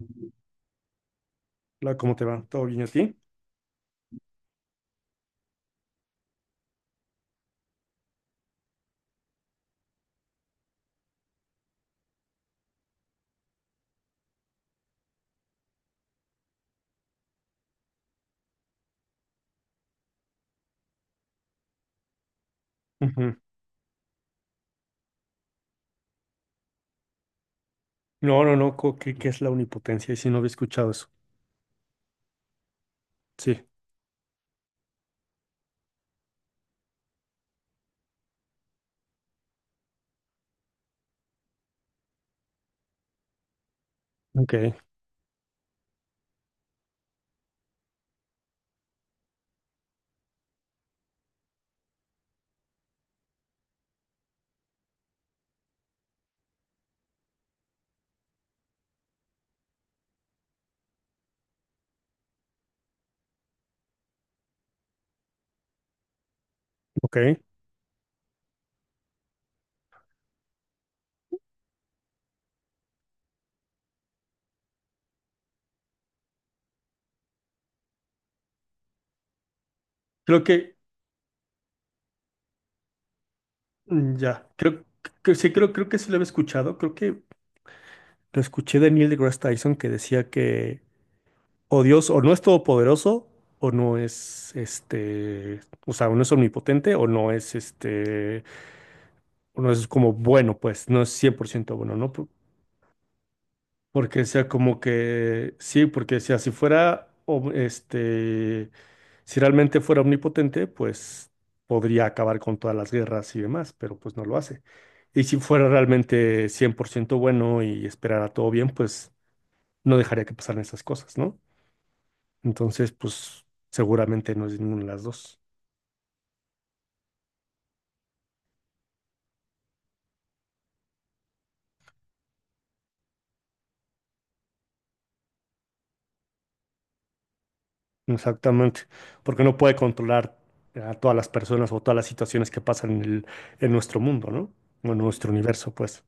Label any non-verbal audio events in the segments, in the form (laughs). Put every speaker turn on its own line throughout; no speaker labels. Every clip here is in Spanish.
Hola, ¿cómo te va? ¿Todo bien a ti? Ujú. No, no, no, ¿qué es la omnipotencia? Y si no había escuchado eso. Sí, ok, ok. Creo que, ya, creo que sí, creo que sí lo había escuchado. Creo que lo escuché de Neil deGrasse Tyson, que decía que o Dios o no es todopoderoso o no es o sea, o no es omnipotente o no es o no es como bueno, pues no es 100% bueno, ¿no? Porque decía como que sí, porque decía si fuera si realmente fuera omnipotente, pues podría acabar con todas las guerras y demás, pero pues no lo hace. Y si fuera realmente 100% bueno y esperara todo bien, pues no dejaría que pasaran esas cosas, ¿no? Entonces, pues seguramente no es ninguna de las dos. Exactamente, porque no puede controlar a todas las personas o todas las situaciones que pasan en en nuestro mundo, ¿no? O en nuestro universo, pues.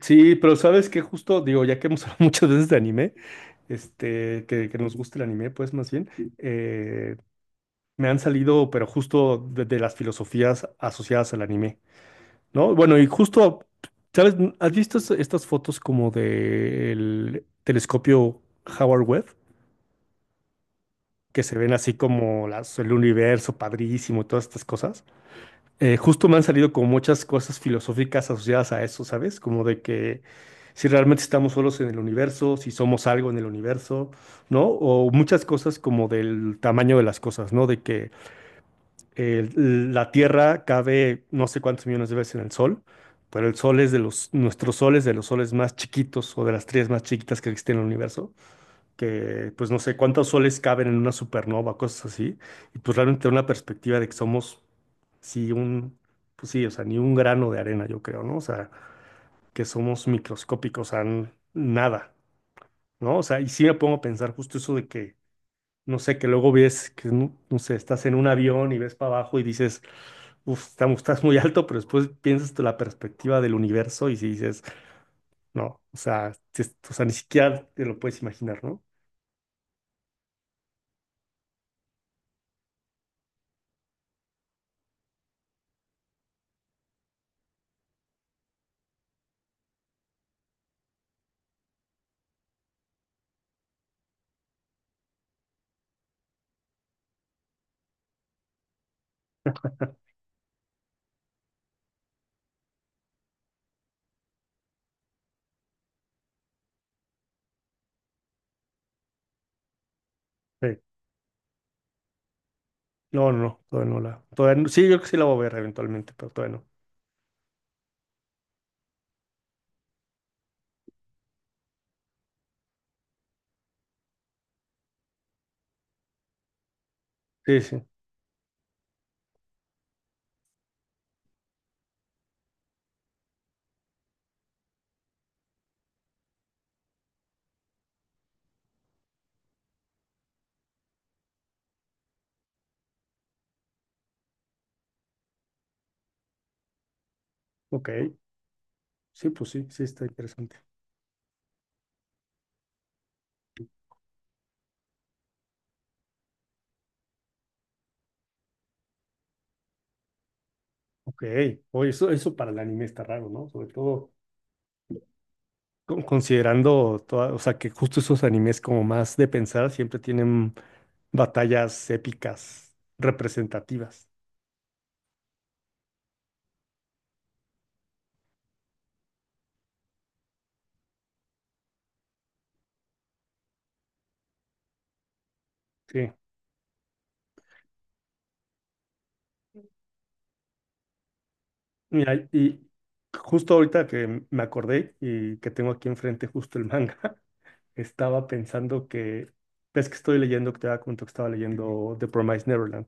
Sí, pero sabes que justo, digo, ya que hemos hablado (laughs) muchas veces de este anime, este, que nos gusta el anime, pues más bien, eh, me han salido, pero justo de las filosofías asociadas al anime, ¿no? Bueno, y justo, ¿sabes? ¿Has visto estas fotos como del telescopio Howard Webb, que se ven así como el universo padrísimo, todas estas cosas? Justo me han salido como muchas cosas filosóficas asociadas a eso, ¿sabes? Como de que si realmente estamos solos en el universo, si somos algo en el universo, ¿no? O muchas cosas como del tamaño de las cosas, ¿no? De que la Tierra cabe no sé cuántos millones de veces en el Sol. Pero el sol es de los, nuestro sol es de los soles más chiquitos o de las estrellas más chiquitas que existen en el universo, que pues no sé cuántos soles caben en una supernova, cosas así, y pues realmente una perspectiva de que somos, sí, un, pues sí, o sea, ni un grano de arena, yo creo, ¿no? O sea, que somos microscópicos, o sea, nada, ¿no? O sea, y sí me pongo a pensar justo eso de que, no sé, que luego ves que, no, no sé, estás en un avión y ves para abajo y dices, uff, estamos, estás muy alto, pero después piensas tú la perspectiva del universo y si dices, no, o sea, o sea, ni siquiera te lo puedes imaginar, ¿no? Sí. No, todavía no la. Todavía no- sí, yo creo que sí la voy a ver eventualmente, pero todavía no. Sí, sí. Ok. Sí, pues sí, sí está interesante. Ok. Oye, eso para el anime está raro, ¿no? Sobre todo considerando toda, o sea, que justo esos animes como más de pensar siempre tienen batallas épicas representativas. Sí. Mira, y justo ahorita que me acordé y que tengo aquí enfrente justo el manga, (laughs) estaba pensando que, ves que estoy leyendo, que te había comentado que estaba leyendo The Promised Neverland.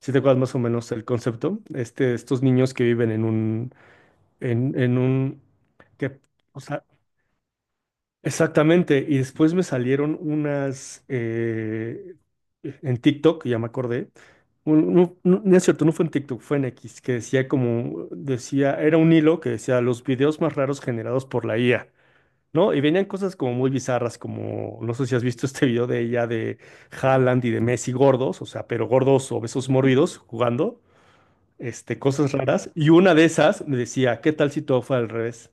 Si te acuerdas más o menos el concepto, este, estos niños que viven en un, en un, que, o sea, exactamente. Y después me salieron unas en TikTok, ya me acordé. No es cierto, no fue en TikTok, fue en X, que decía como, decía, era un hilo que decía los videos más raros generados por la IA, ¿no? Y venían cosas como muy bizarras, como, no sé si has visto este video de ella, de Haaland y de Messi gordos, o sea, pero gordos, obesos, mórbidos, jugando, este, cosas raras. Y una de esas me decía, ¿qué tal si todo fue al revés?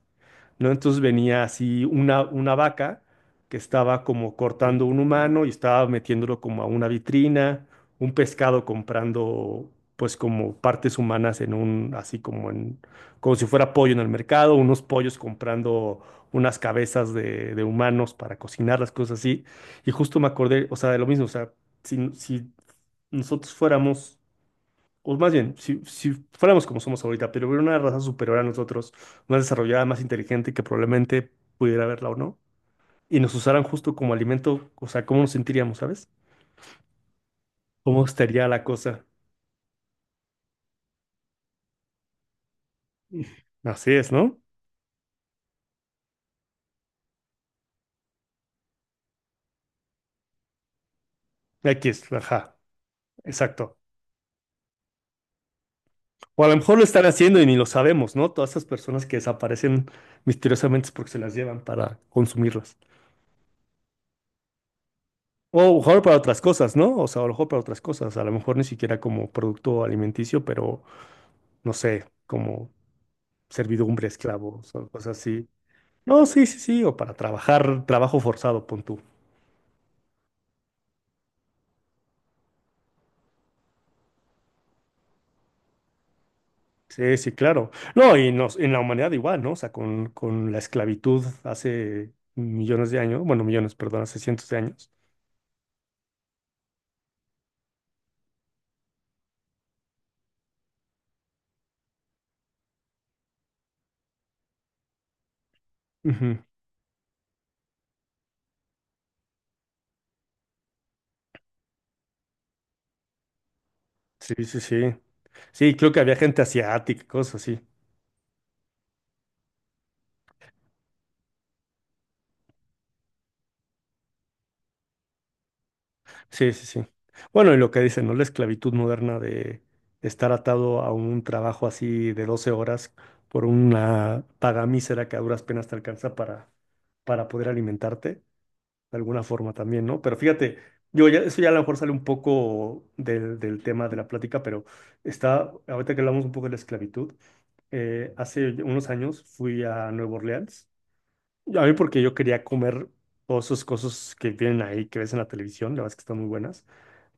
¿No? Entonces venía así una vaca que estaba como cortando un humano y estaba metiéndolo como a una vitrina, un pescado comprando pues como partes humanas en un, así como en, como si fuera pollo en el mercado, unos pollos comprando unas cabezas de humanos para cocinar las cosas así. Y justo me acordé, o sea, de lo mismo, o sea, si nosotros fuéramos, o más bien, si fuéramos como somos ahorita, pero hubiera una raza superior a nosotros, más desarrollada, más inteligente, que probablemente pudiera verla o no, y nos usaran justo como alimento, o sea, ¿cómo nos sentiríamos, sabes? ¿Cómo estaría la cosa? (laughs) Así es, ¿no? Aquí es, ajá, exacto. O a lo mejor lo están haciendo y ni lo sabemos, ¿no? Todas esas personas que desaparecen misteriosamente es porque se las llevan para consumirlas. O a lo mejor para otras cosas, ¿no? O sea, a lo mejor para otras cosas. A lo mejor ni siquiera como producto alimenticio, pero no sé, como servidumbre, esclavos o cosas así. No, sí, sí, sí, o para trabajar, trabajo forzado, pon tú. Sí, sí, claro. No, y nos, en la humanidad igual, ¿no? O sea, con la esclavitud hace millones de años, bueno, millones, perdón, hace cientos de años. Ujú. Sí, sí, sí. Sí, creo que había gente asiática, cosas así. Sí, sí, sí. Bueno, y lo que dicen, ¿no? La esclavitud moderna de estar atado a un trabajo así de 12 horas por una paga mísera que a duras penas te alcanza para poder alimentarte, de alguna forma también, ¿no? Pero fíjate, yo ya, eso ya a lo mejor sale un poco del tema de la plática, pero está, ahorita que hablamos un poco de la esclavitud, hace unos años fui a Nueva Orleans, a mí porque yo quería comer todas esas cosas que vienen ahí, que ves en la televisión, la verdad es que están muy buenas,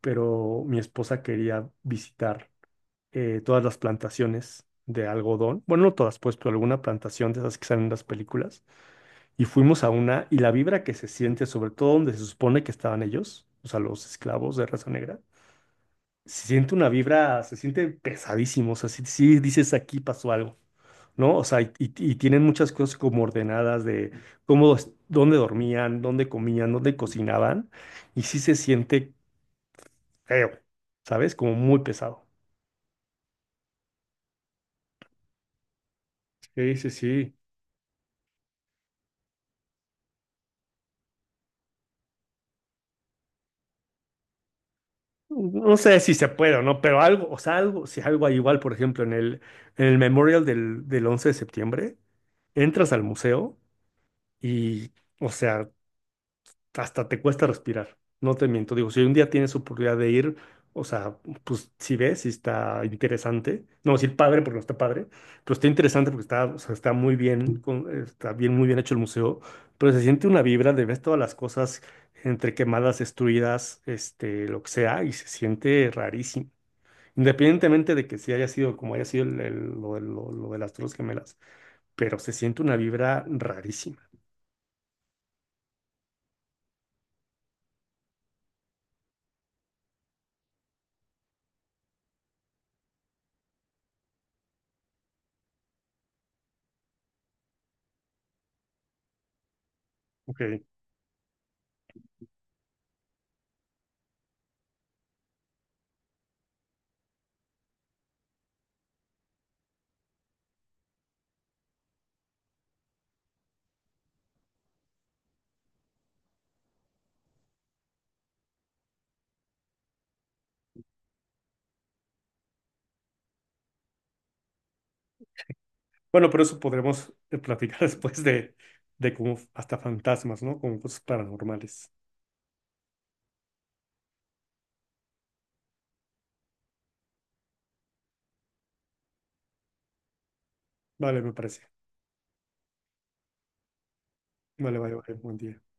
pero mi esposa quería visitar todas las plantaciones de algodón. Bueno, no todas, pues, pero alguna plantación de esas que salen en las películas. Y fuimos a una, y la vibra que se siente, sobre todo donde se supone que estaban ellos, o sea, los esclavos de raza negra, se siente una vibra, se siente pesadísimo. O sea, sí, sí dices aquí pasó algo, ¿no? O sea, y tienen muchas cosas como ordenadas de cómo, dónde dormían, dónde comían, dónde cocinaban, y sí se siente feo, ¿sabes? Como muy pesado. Sí, sí, sí. No sé si se puede o no, pero algo, o sea, algo, si algo hay igual, por ejemplo, en el Memorial del 11 de septiembre, entras al museo y, o sea, hasta te cuesta respirar. No te miento, digo, si un día tienes oportunidad de ir, o sea, pues si ves, si está interesante, no decir padre porque no está padre, pero está interesante porque está, o sea, está muy bien, está bien, muy bien hecho el museo, pero se siente una vibra de ves todas las cosas entre quemadas, destruidas, este, lo que sea, y se siente rarísimo. Independientemente de que si haya sido como haya sido lo de las Torres Gemelas, pero se siente una vibra rarísima. Ok. Bueno, pero eso podremos platicar (laughs) después de como hasta fantasmas, ¿no? Como cosas paranormales. Vale, me parece. Vale, vale, vale. Buen día.